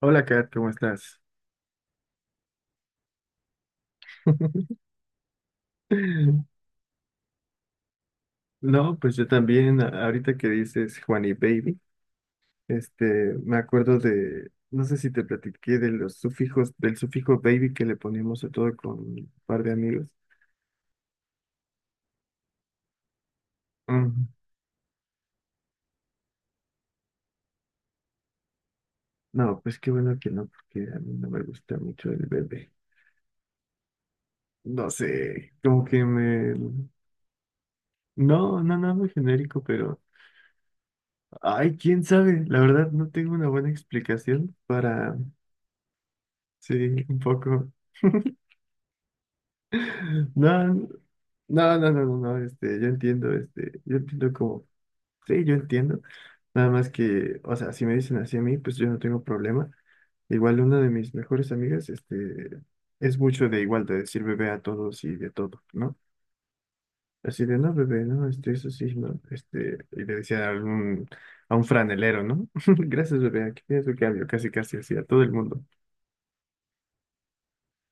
Hola, Kat, ¿cómo estás? No, pues yo también, ahorita que dices Juan y Baby, me acuerdo de, no sé si te platiqué de los sufijos, del sufijo baby que le poníamos a todo con un par de amigos. Ujú. No, pues qué bueno que no, porque a mí no me gusta mucho el bebé. No sé, como que me. No, no, no, muy genérico, pero. Ay, quién sabe, la verdad no tengo una buena explicación. Para... Sí, un poco. No, no, no, no, no, no, yo entiendo, yo entiendo como, sí, yo entiendo, nada más que, o sea, si me dicen así a mí, pues yo no tengo problema. Igual una de mis mejores amigas, es mucho de igual, de decir bebé a todos y de todo, ¿no? Así de, no, bebé, no, eso sí, no, y le decía a un franelero, ¿no? Gracias, bebé, aquí tienes tu cambio, casi, casi así, a todo el mundo,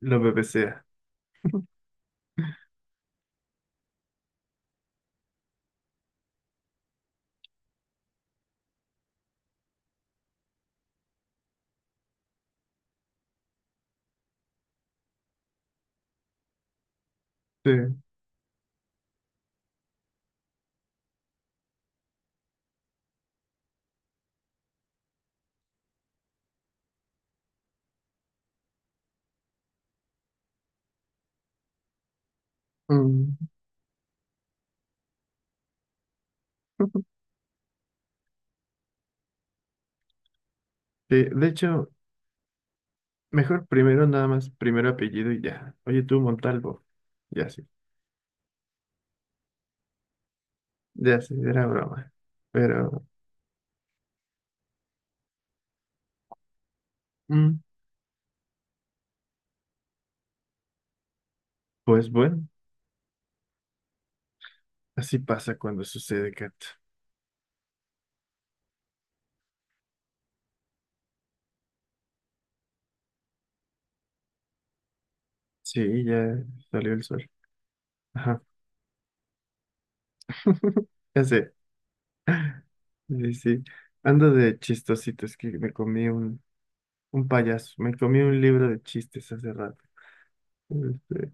lo bebecea. Sí. Mm. Sí, de hecho, mejor primero nada más, primero apellido y ya. Oye, tú, Montalvo. Ya sí, ya sí, era broma. Pero, mm, pues bueno, así pasa cuando sucede, Kat. Sí, ya salió el sol. Ajá, ya sé. Sí, sí. Ando de chistosito, es que me comí un payaso, me comí un libro de chistes hace rato. Este,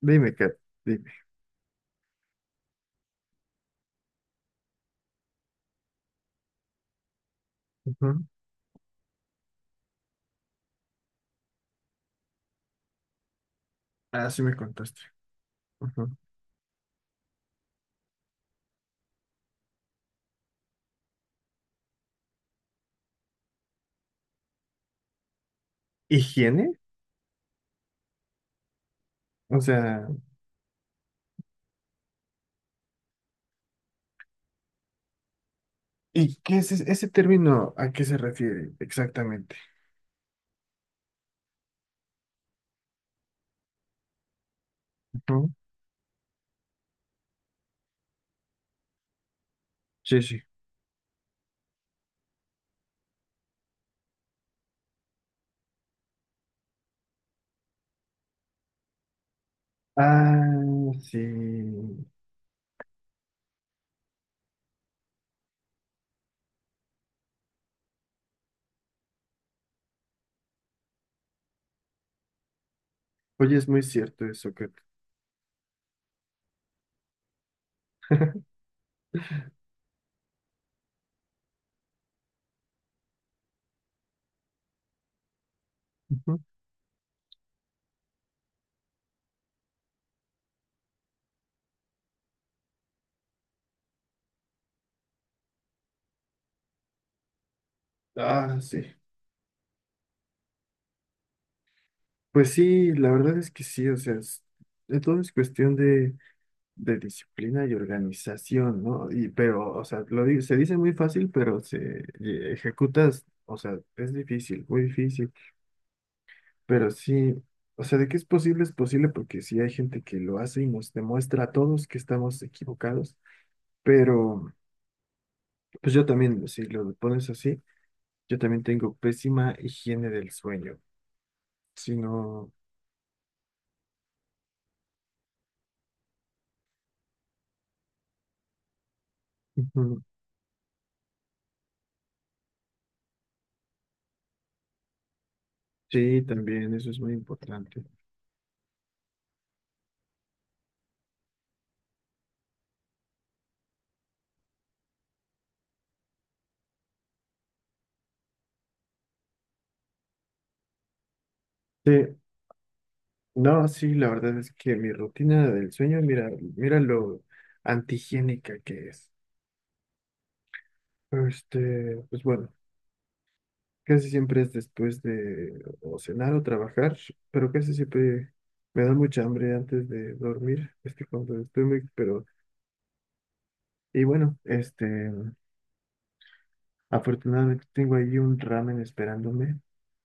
dime, Kat, dime. Ujú. Ah, sí me contaste. Ujú. ¿Higiene? O sea, ¿y qué es ese término? ¿A qué se refiere exactamente? Ujú. Sí, sí. Ah, sí. Oye, es muy cierto eso. Que... Ujú. Ah, sí. Pues sí, la verdad es que sí, o sea, de todo es cuestión de disciplina y organización, ¿no? Pero, o sea, se dice muy fácil, pero se ejecutas, o sea, es difícil, muy difícil. Pero sí, o sea, de que es posible porque sí hay gente que lo hace y nos demuestra a todos que estamos equivocados, pero pues yo también, si lo pones así, yo también tengo pésima higiene del sueño, si no, ujú, sí, también eso es muy importante. Sí, no, sí, la verdad es que mi rutina del sueño, mira, mira lo antihigiénica que es. Pues bueno. Casi siempre es después de o cenar o trabajar, pero casi siempre me da mucha hambre antes de dormir. Es que cuando estoy muy, pero, y bueno, afortunadamente tengo ahí un ramen esperándome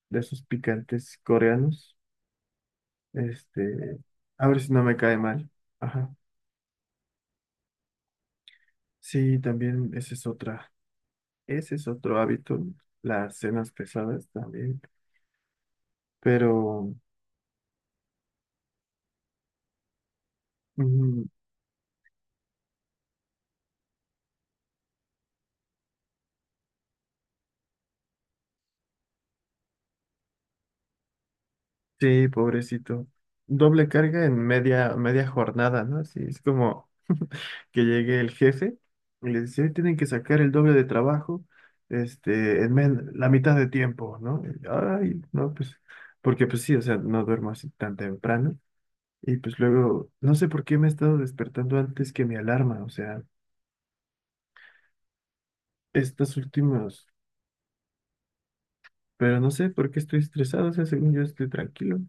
de esos picantes coreanos. Este, a ver si no me cae mal. Ajá. Sí, también esa es otra, ese es otro hábito, las cenas pesadas también, pero. Ujú. Sí, pobrecito. Doble carga en media jornada, ¿no? Así es como que llegue el jefe y le dice, hoy tienen que sacar el doble de trabajo, la mitad de tiempo, ¿no? Ay, no, pues, porque pues sí, o sea, no duermo así tan temprano. Y pues luego, no sé por qué me he estado despertando antes que mi alarma, o sea, estas últimas, pero no sé por qué estoy estresado, o sea, según yo estoy tranquilo.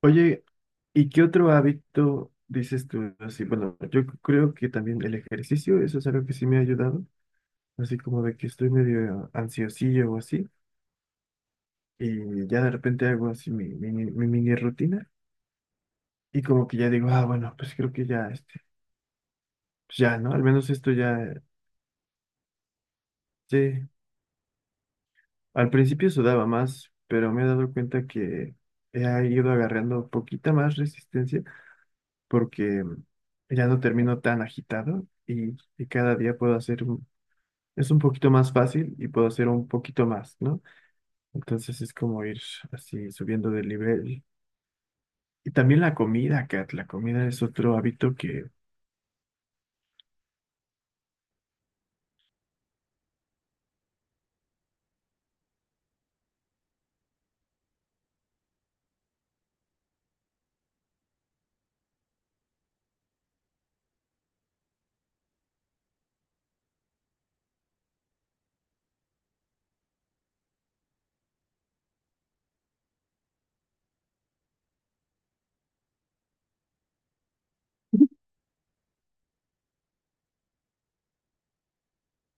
Oye, ¿y qué otro hábito dices tú así? Bueno, yo creo que también el ejercicio, eso es algo que sí me ha ayudado, así como de que estoy medio ansiosillo o así, y ya de repente hago así mi mini rutina, y como que ya digo, ah, bueno, pues creo que ya, pues ya, ¿no? Al menos esto ya, sí, al principio sudaba más, pero me he dado cuenta que he ido agarrando poquita más resistencia porque ya no termino tan agitado y cada día puedo hacer un es un poquito más fácil y puedo hacer un poquito más, ¿no? Entonces es como ir así subiendo de nivel. Y también la comida, Kat, la comida es otro hábito que,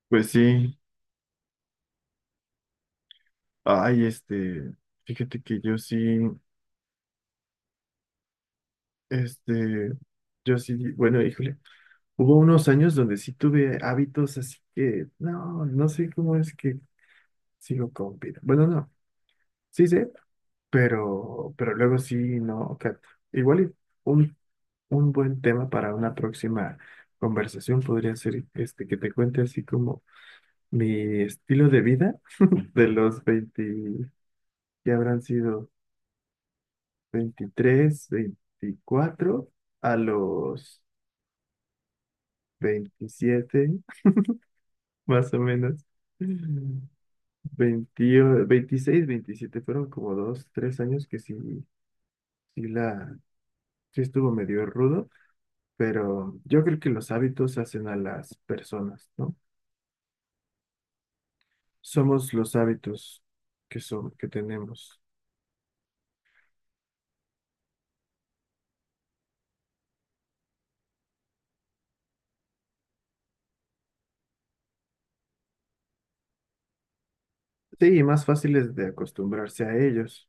pues sí, ay, fíjate que yo sí, este, bueno, híjole, hubo unos años donde sí tuve hábitos así que, no, no sé cómo es que sigo con vida. Bueno, no, sí sé, pero, luego sí, no, Kat. Igual y un Un buen tema para una próxima conversación podría ser este que te cuente así como mi estilo de vida de los 20 que habrán sido 23 24 a los 27 más o menos. 20 Veintiséis 27 fueron como dos, tres años que sí, sí la, sí estuvo medio rudo, pero yo creo que los hábitos hacen a las personas, ¿no? Somos los hábitos que tenemos. Sí, y más fáciles de acostumbrarse a ellos.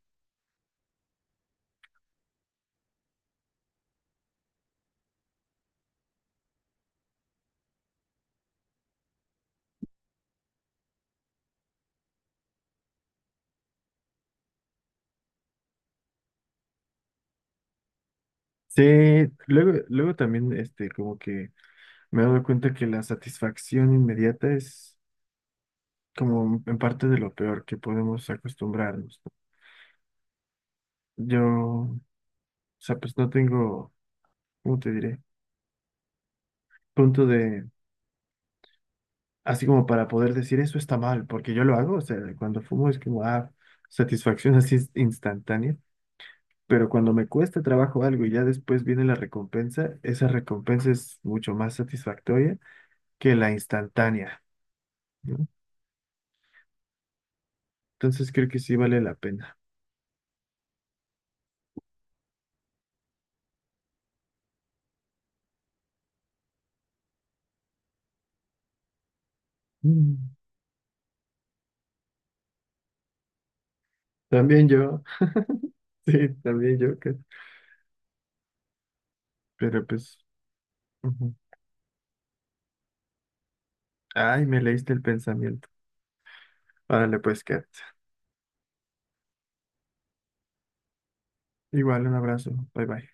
Sí, luego, luego también, como que me he dado cuenta que la satisfacción inmediata es como en parte de lo peor que podemos acostumbrarnos, ¿no? Yo, o sea, pues no tengo, ¿cómo te diré? Punto de, así como para poder decir eso está mal, porque yo lo hago, o sea, cuando fumo es como, ah, satisfacción así instantánea. Pero cuando me cuesta trabajo algo y ya después viene la recompensa, esa recompensa es mucho más satisfactoria que la instantánea, ¿no? Entonces creo que sí vale la pena. Mm. También yo, sí, también yo, Kat. Pero pues, ujú. Ay, me leíste el pensamiento. Órale, pues, Kat. Igual, un abrazo. Bye bye.